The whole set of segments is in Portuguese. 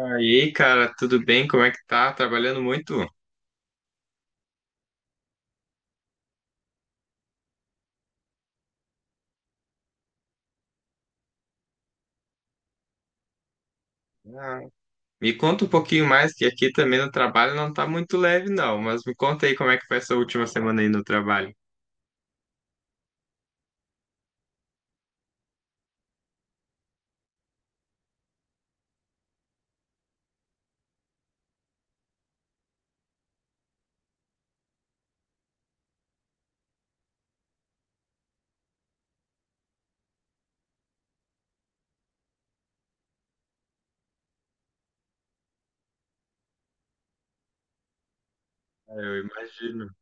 Aí, cara, tudo bem? Como é que tá? Trabalhando muito? Ah, me conta um pouquinho mais, que aqui também no trabalho não tá muito leve, não. Mas me conta aí como é que foi essa última semana aí no trabalho. Ah, eu imagino.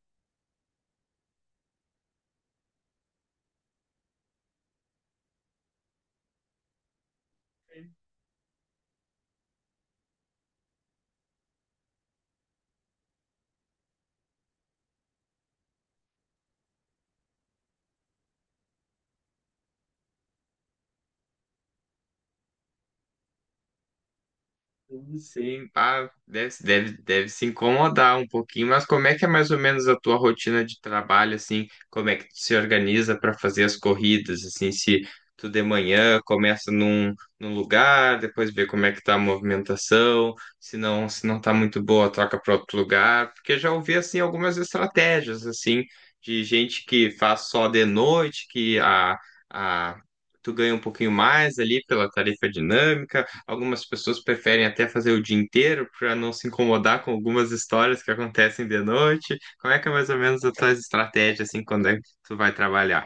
Sim, pá, deve se incomodar um pouquinho, mas como é que é mais ou menos a tua rotina de trabalho, assim? Como é que tu se organiza para fazer as corridas, assim? Se tu de manhã começa num lugar, depois vê como é que tá a movimentação, se não tá muito boa, troca para outro lugar. Porque já ouvi, assim, algumas estratégias, assim, de gente que faz só de noite, que a, tu ganha um pouquinho mais ali pela tarifa dinâmica. Algumas pessoas preferem até fazer o dia inteiro para não se incomodar com algumas histórias que acontecem de noite. Como é que é mais ou menos a tua estratégia assim, quando é que tu vai trabalhar?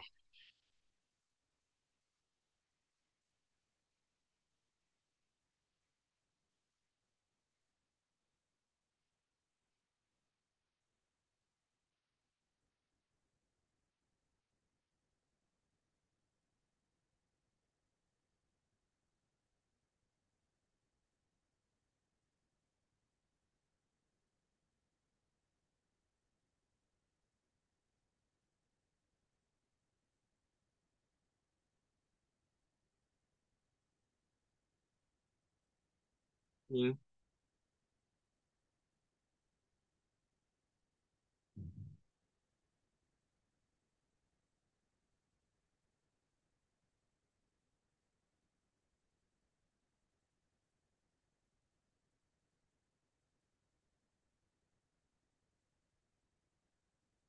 Sim,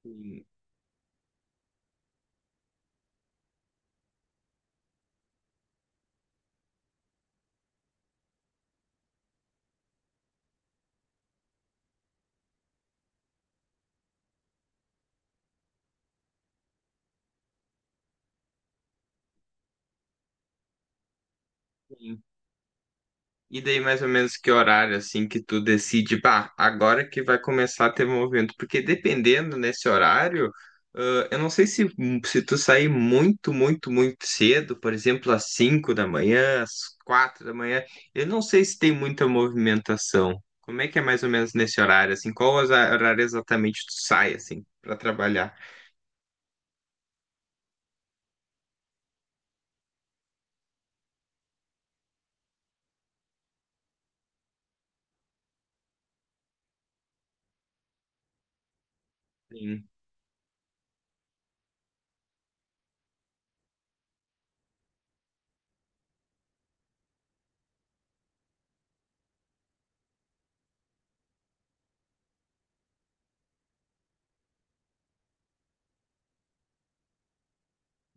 sim, sim. E daí mais ou menos que horário assim que tu decide, bah, agora que vai começar a ter movimento? Porque dependendo nesse horário, ah, eu não sei se, tu sair muito, muito, muito cedo, por exemplo, às 5 da manhã, às 4 da manhã, eu não sei se tem muita movimentação. Como é que é mais ou menos nesse horário, assim? Qual horário exatamente tu sai, assim, para trabalhar? Sim.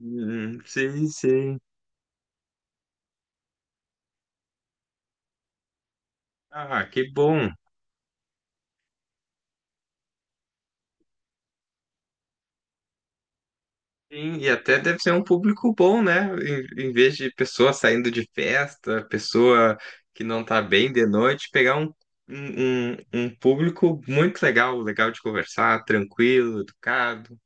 Sim. Sim. Ah, que bom. Sim, e até deve ser um público bom, né? Em vez de pessoa saindo de festa, pessoa que não tá bem de noite, pegar um, um público muito legal, legal de conversar, tranquilo, educado.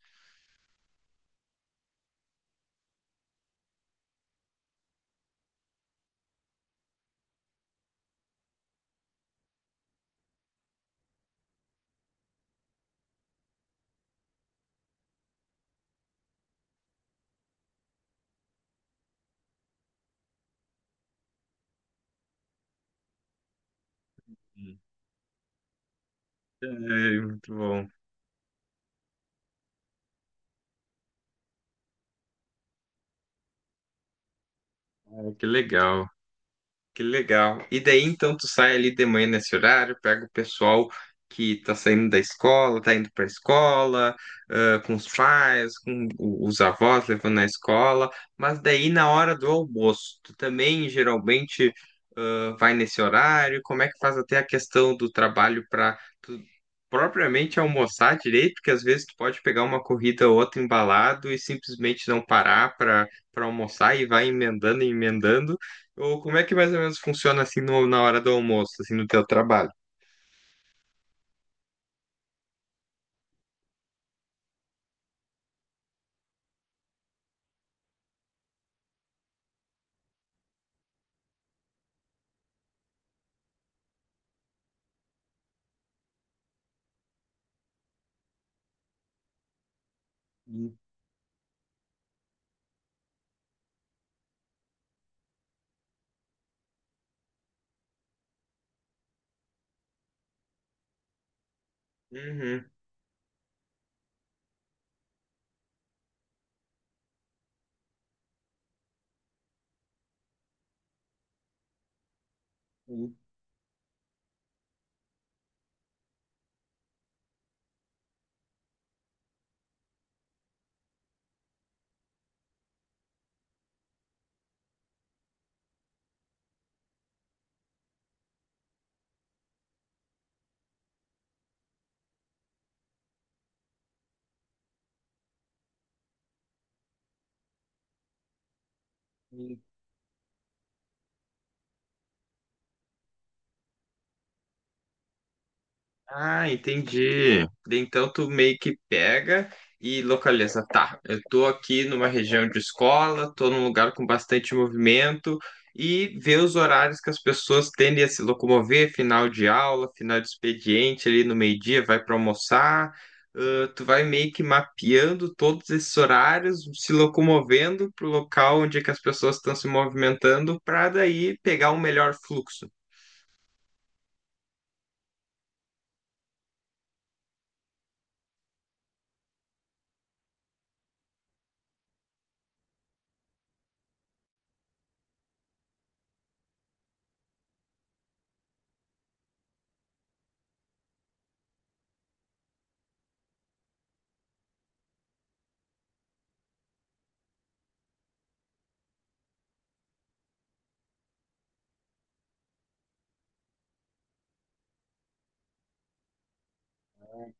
É, muito bom. Ah, que legal. Que legal. E daí então tu sai ali de manhã nesse horário, pega o pessoal que tá saindo da escola, tá indo pra escola, ah, com os pais, com os avós levando na escola, mas daí na hora do almoço, tu também geralmente vai nesse horário. Como é que faz até a questão do trabalho para tu propriamente almoçar direito, porque às vezes tu pode pegar uma corrida ou outra embalado e simplesmente não parar para almoçar, e vai emendando e emendando. Ou como é que mais ou menos funciona assim na hora do almoço, assim, no teu trabalho? Hum. Uhum. Hum. Ah, entendi. Daí então tu meio que pega e localiza. Tá, eu tô aqui numa região de escola, tô num lugar com bastante movimento, e vê os horários que as pessoas tendem a se locomover, final de aula, final de expediente, ali no meio-dia, vai para almoçar. Ah, tu vai meio que mapeando todos esses horários, se locomovendo pro local onde é que as pessoas estão se movimentando, para daí pegar um melhor fluxo.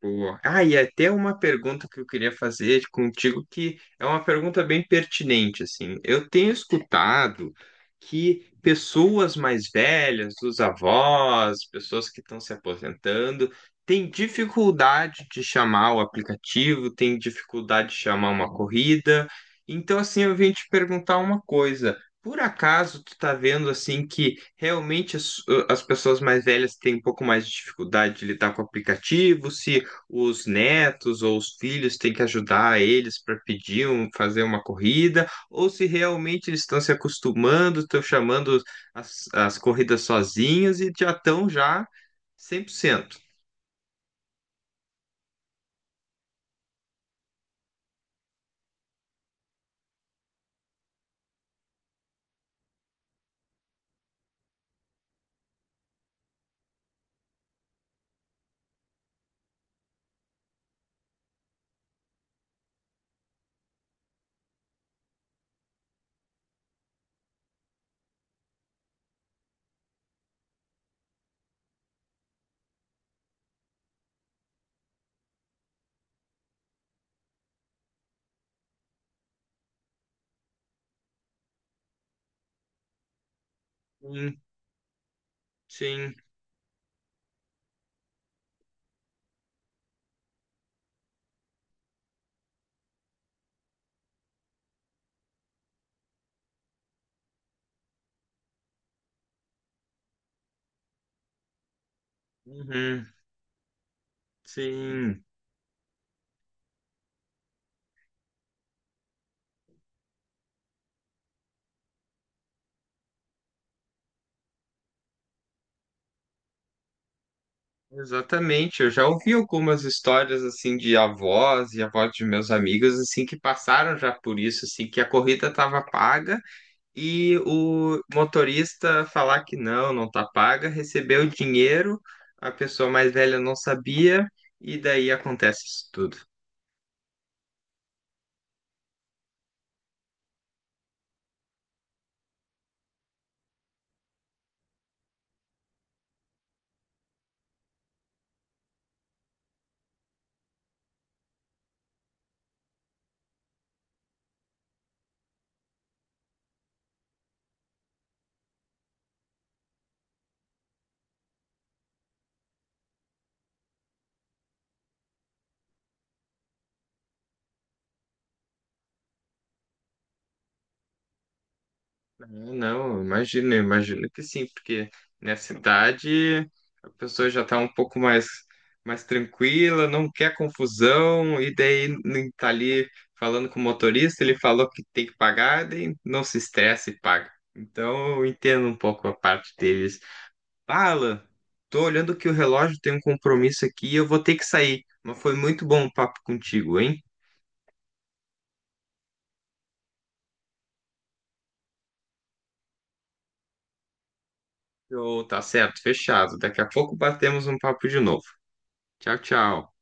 Boa. Ah, e até uma pergunta que eu queria fazer contigo, que é uma pergunta bem pertinente, assim. Eu tenho escutado que pessoas mais velhas, os avós, pessoas que estão se aposentando, têm dificuldade de chamar o aplicativo, têm dificuldade de chamar uma corrida. Então, assim, eu vim te perguntar uma coisa. Por acaso tu tá vendo assim que realmente as pessoas mais velhas têm um pouco mais de dificuldade de lidar com o aplicativo, se os netos ou os filhos têm que ajudar eles para pedir, um, fazer uma corrida, ou se realmente eles estão se acostumando, estão chamando as corridas sozinhos e já estão já 100%. Sim, sim, uhum, sim. Exatamente, eu já ouvi algumas histórias assim de avós e avós de meus amigos, assim que passaram já por isso, assim que a corrida estava paga e o motorista falar que não, não tá paga, recebeu o dinheiro, a pessoa mais velha não sabia, e daí acontece isso tudo. Ah, não, imagino, imagino que sim, porque nessa idade a pessoa já tá um pouco mais, mais tranquila, não quer confusão, e daí nem tá ali falando com o motorista, ele falou que tem que pagar, daí não se estressa e paga. Então eu entendo um pouco a parte deles. Fala, tô olhando que o relógio, tem um compromisso aqui e eu vou ter que sair. Mas foi muito bom o papo contigo, hein? Ô, tá certo, fechado. Daqui a pouco batemos um papo de novo. Tchau, tchau.